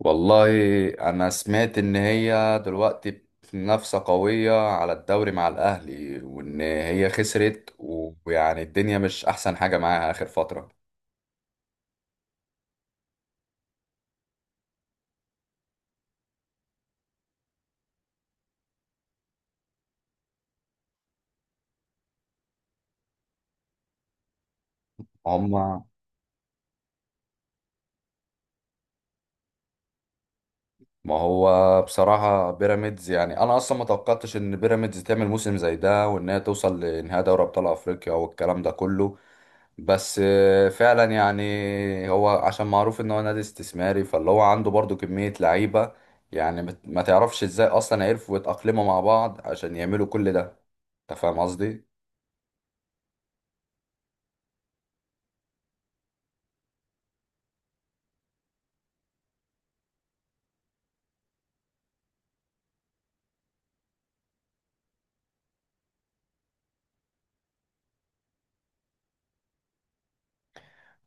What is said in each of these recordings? والله انا سمعت ان هي دلوقتي في منافسة قوية على الدوري مع الاهلي وان هي خسرت و- ويعني الدنيا مش احسن حاجة معاها اخر فترة. هما ما هو بصراحة بيراميدز، يعني انا اصلا ما توقعتش ان بيراميدز تعمل موسم زي ده وان هي توصل لنهائي دوري ابطال افريقيا والكلام ده كله. بس فعلا يعني هو عشان معروف ان هو نادي استثماري، فاللي هو عنده برضو كمية لعيبة، يعني ما تعرفش ازاي اصلا عرفوا يتأقلموا مع بعض عشان يعملوا كل ده. انت فاهم قصدي؟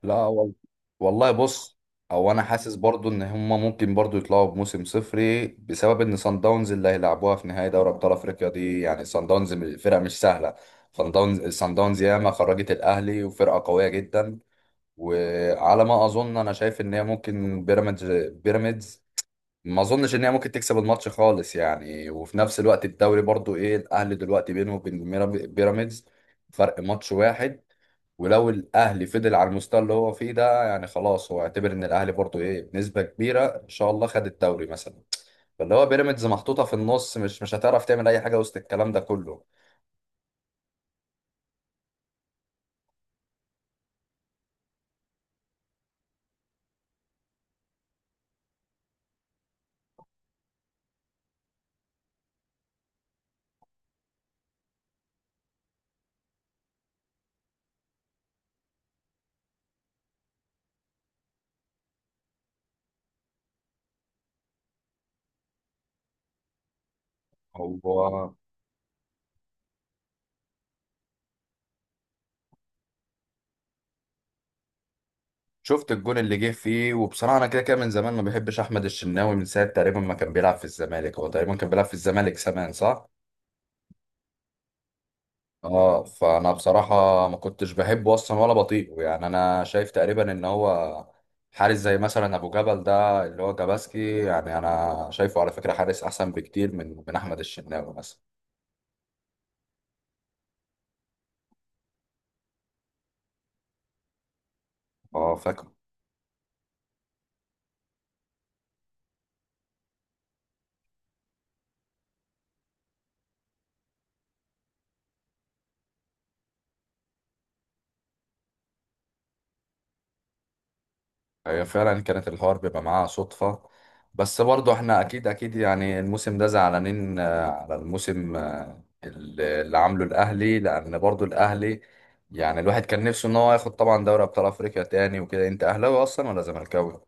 لا وال- والله بص، او انا حاسس برضو ان هما ممكن برضو يطلعوا بموسم صفري بسبب ان صن داونز اللي هيلعبوها في نهائي دوري ابطال افريقيا دي، يعني صن داونز فرقة مش سهلة. صن داونز ياما خرجت الاهلي وفرقة قوية جدا. وعلى ما اظن انا شايف ان هي ممكن بيراميدز ما اظنش ان هي ممكن تكسب الماتش خالص يعني. وفي نفس الوقت الدوري برضو ايه، الاهلي دلوقتي بينه وبين بيراميدز فرق ماتش واحد. ولو الاهلي فضل على المستوى اللي هو فيه ده يعني خلاص هو اعتبر ان الاهلي برضو ايه، بنسبة كبيرة ان شاء الله خد الدوري مثلا. فاللي هو بيراميدز محطوطة في النص، مش هتعرف تعمل اي حاجة وسط الكلام ده كله. هو شفت الجون اللي جه فيه، وبصراحه انا كده كده من زمان ما بحبش احمد الشناوي، من ساعه تقريبا ما كان بيلعب في الزمالك، هو تقريبا كان بيلعب في الزمالك زمان صح. اه فانا بصراحه ما كنتش بحبه اصلا ولا بطيقه يعني، انا شايف تقريبا ان هو حارس زي مثلا ابو جبل ده اللي هو جاباسكي، يعني انا شايفه على فكره حارس احسن بكتير من احمد الشناوي مثلا. اه فاكر. هي فعلا كانت الحوار بيبقى معاها صدفة، بس برضو احنا اكيد يعني الموسم ده زعلانين على الموسم اللي عامله الاهلي، لان برضو الاهلي يعني الواحد كان نفسه ان هو ياخد طبعا دوري ابطال افريقيا تاني وكده. انت اهلاوي اصلا ولا زملكاوي؟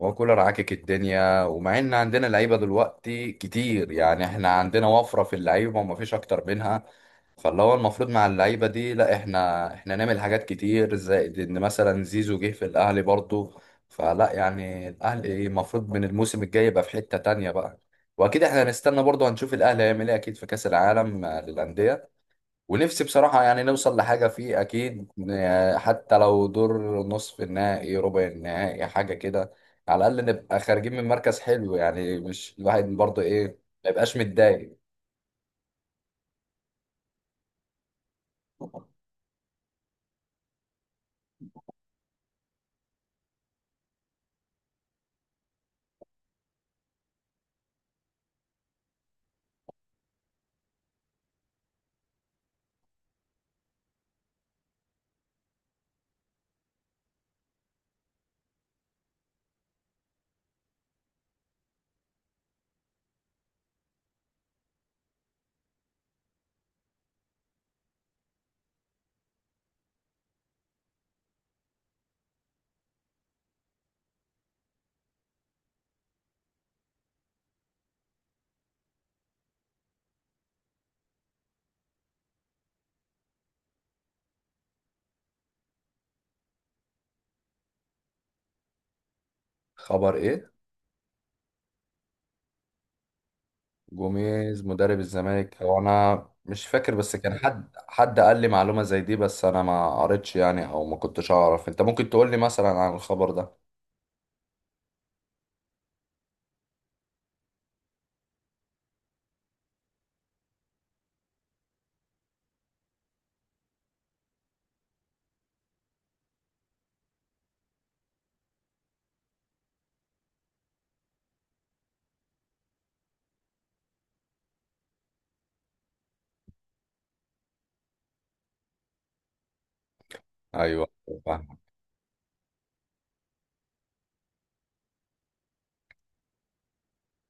وكولر عاكك الدنيا، ومع ان عندنا لعيبه دلوقتي كتير يعني احنا عندنا وفره في اللعيبه وما فيش اكتر منها، فاللي هو المفروض مع اللعيبه دي لا احنا نعمل حاجات كتير، زائد ان مثلا زيزو جه في الاهلي برضه. فلا يعني الاهلي المفروض من الموسم الجاي يبقى في حته تانية بقى. واكيد احنا هنستنى برضه هنشوف الاهلي هيعمل ايه اكيد في كاس العالم للانديه. ونفسي بصراحة يعني نوصل لحاجة فيه أكيد حتى لو دور نصف النهائي، ربع النهائي، حاجة كده. على الأقل نبقى خارجين من مركز حلو، يعني مش الواحد برضه إيه، ما يبقاش متضايق. خبر إيه؟ جوميز مدرب الزمالك، هو أنا مش فاكر، بس كان حد قال لي معلومة زي دي، بس أنا ما قريتش يعني أو ما كنتش أعرف. أنت ممكن تقول لي مثلا عن الخبر ده؟ أيوه، فاهم.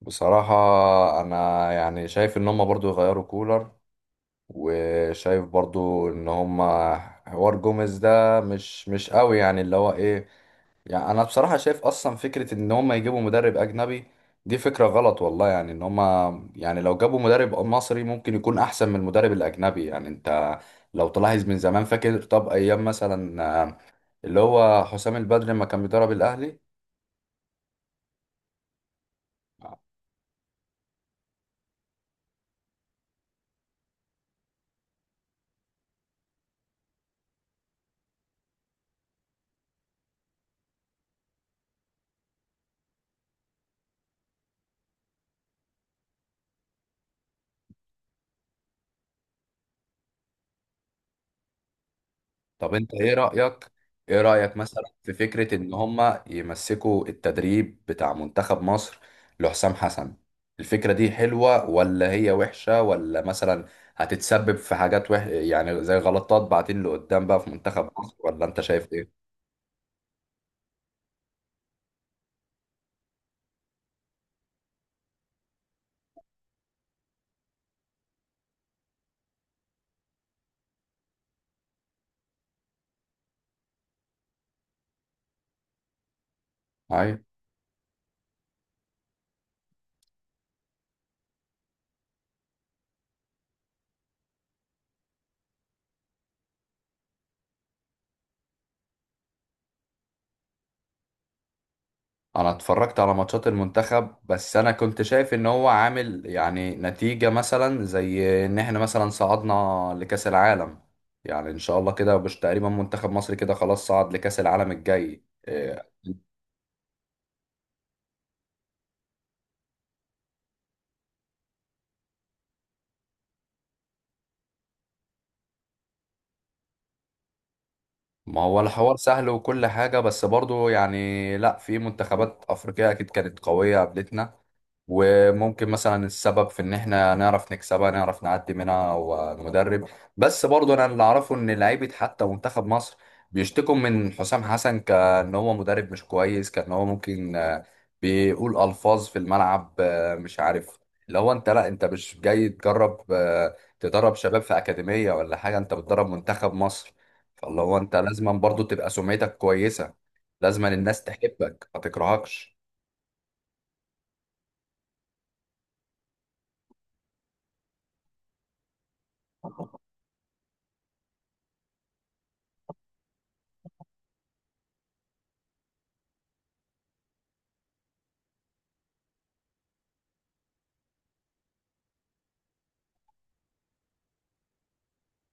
بصراحة أنا يعني شايف إن هما برضو يغيروا كولر، وشايف برضو ان هما حوار جوميز ده مش قوي يعني، اللي هو ايه، يعني انا بصراحة شايف اصلا فكرة ان هما يجيبوا مدرب اجنبي دي فكرة غلط والله. يعني ان هما يعني لو جابوا مدرب مصري ممكن يكون احسن من المدرب الاجنبي، يعني انت لو تلاحظ من زمان فاكر، طب ايام مثلا اللي هو حسام البدري لما كان بيدرب الاهلي. طب انت ايه رأيك، ايه رأيك مثلا في فكرة ان هما يمسكوا التدريب بتاع منتخب مصر لحسام حسن؟ الفكرة دي حلوة ولا هي وحشة، ولا مثلا هتتسبب في حاجات يعني زي غلطات بعدين لقدام بقى في منتخب مصر، ولا انت شايف ايه؟ أيوة. انا اتفرجت على ماتشات المنتخب، بس انا كنت شايف ان هو عامل يعني نتيجة، مثلا زي ان احنا مثلا صعدنا لكأس العالم، يعني ان شاء الله كده مش تقريبا منتخب مصر كده خلاص صعد لكأس العالم الجاي إيه. ما هو الحوار سهل وكل حاجة، بس برضو يعني لا في منتخبات أفريقية أكيد كانت قوية قبلتنا، وممكن مثلا السبب في إن إحنا نعرف نكسبها نعرف نعدي منها هو المدرب. بس برضو أنا اللي أعرفه إن لعيبة حتى منتخب مصر بيشتكوا من حسام حسن، كأن هو مدرب مش كويس، كأن هو ممكن بيقول ألفاظ في الملعب مش عارف. اللي هو أنت لا أنت مش جاي تجرب تدرب شباب في أكاديمية ولا حاجة، أنت بتدرب منتخب مصر. فاللي هو انت لازما برضو تبقى سمعتك كويسه، لازما الناس تحبك ما تكرهكش.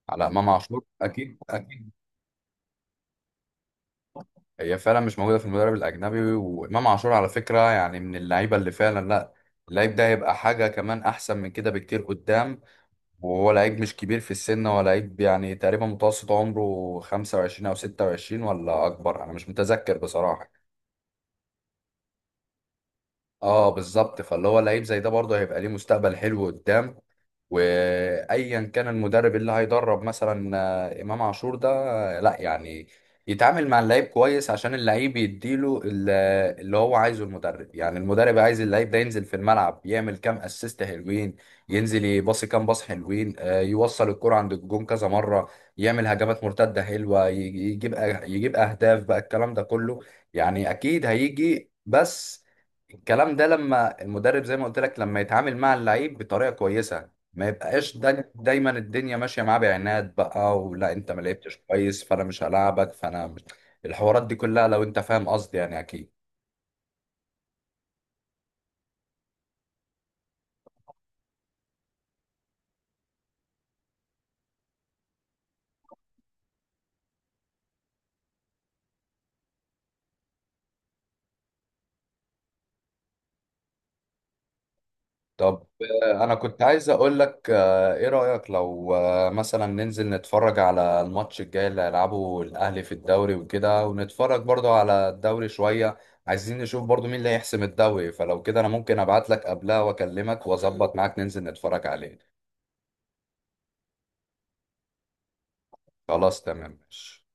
على امام عاشور، اكيد. هي فعلا مش موجوده في المدرب الاجنبي. وامام عاشور على فكره يعني من اللعيبه اللي فعلا لا، اللعيب ده هيبقى حاجه كمان احسن من كده بكتير قدام. وهو لعيب مش كبير في السن، هو لعيب يعني تقريبا متوسط عمره 25 او 26 ولا اكبر، انا مش متذكر بصراحه. اه بالظبط، فاللي هو لعيب زي ده برضه هيبقى ليه مستقبل حلو قدام. وايا كان المدرب اللي هيدرب مثلا امام عاشور ده لا يعني يتعامل مع اللعيب كويس عشان اللعيب يديله اللي هو عايزه المدرب. يعني المدرب عايز اللعيب ده ينزل في الملعب، يعمل كام اسيست حلوين، ينزل يباصي كام باص حلوين يوصل الكرة عند الجون كذا مرة، يعمل هجمات مرتدة حلوة، يجيب اهداف بقى الكلام ده كله. يعني اكيد هيجي، بس الكلام ده لما المدرب زي ما قلت لك لما يتعامل مع اللعيب بطريقة كويسة، ما يبقاش دا دايما الدنيا ماشيه معاه بعناد بقى، ولا انت ما لعبتش كويس فانا مش هلاعبك، فانا مش... الحوارات دي كلها لو انت فاهم قصدي يعني اكيد. طب انا كنت عايز اقول لك ايه رايك لو مثلا ننزل نتفرج على الماتش الجاي اللي هيلعبه الاهلي في الدوري وكده، ونتفرج برضو على الدوري شويه، عايزين نشوف برضو مين اللي هيحسم الدوري. فلو كده انا ممكن ابعت لك قبلها واكلمك واظبط معاك ننزل نتفرج عليه. خلاص تمام ماشي.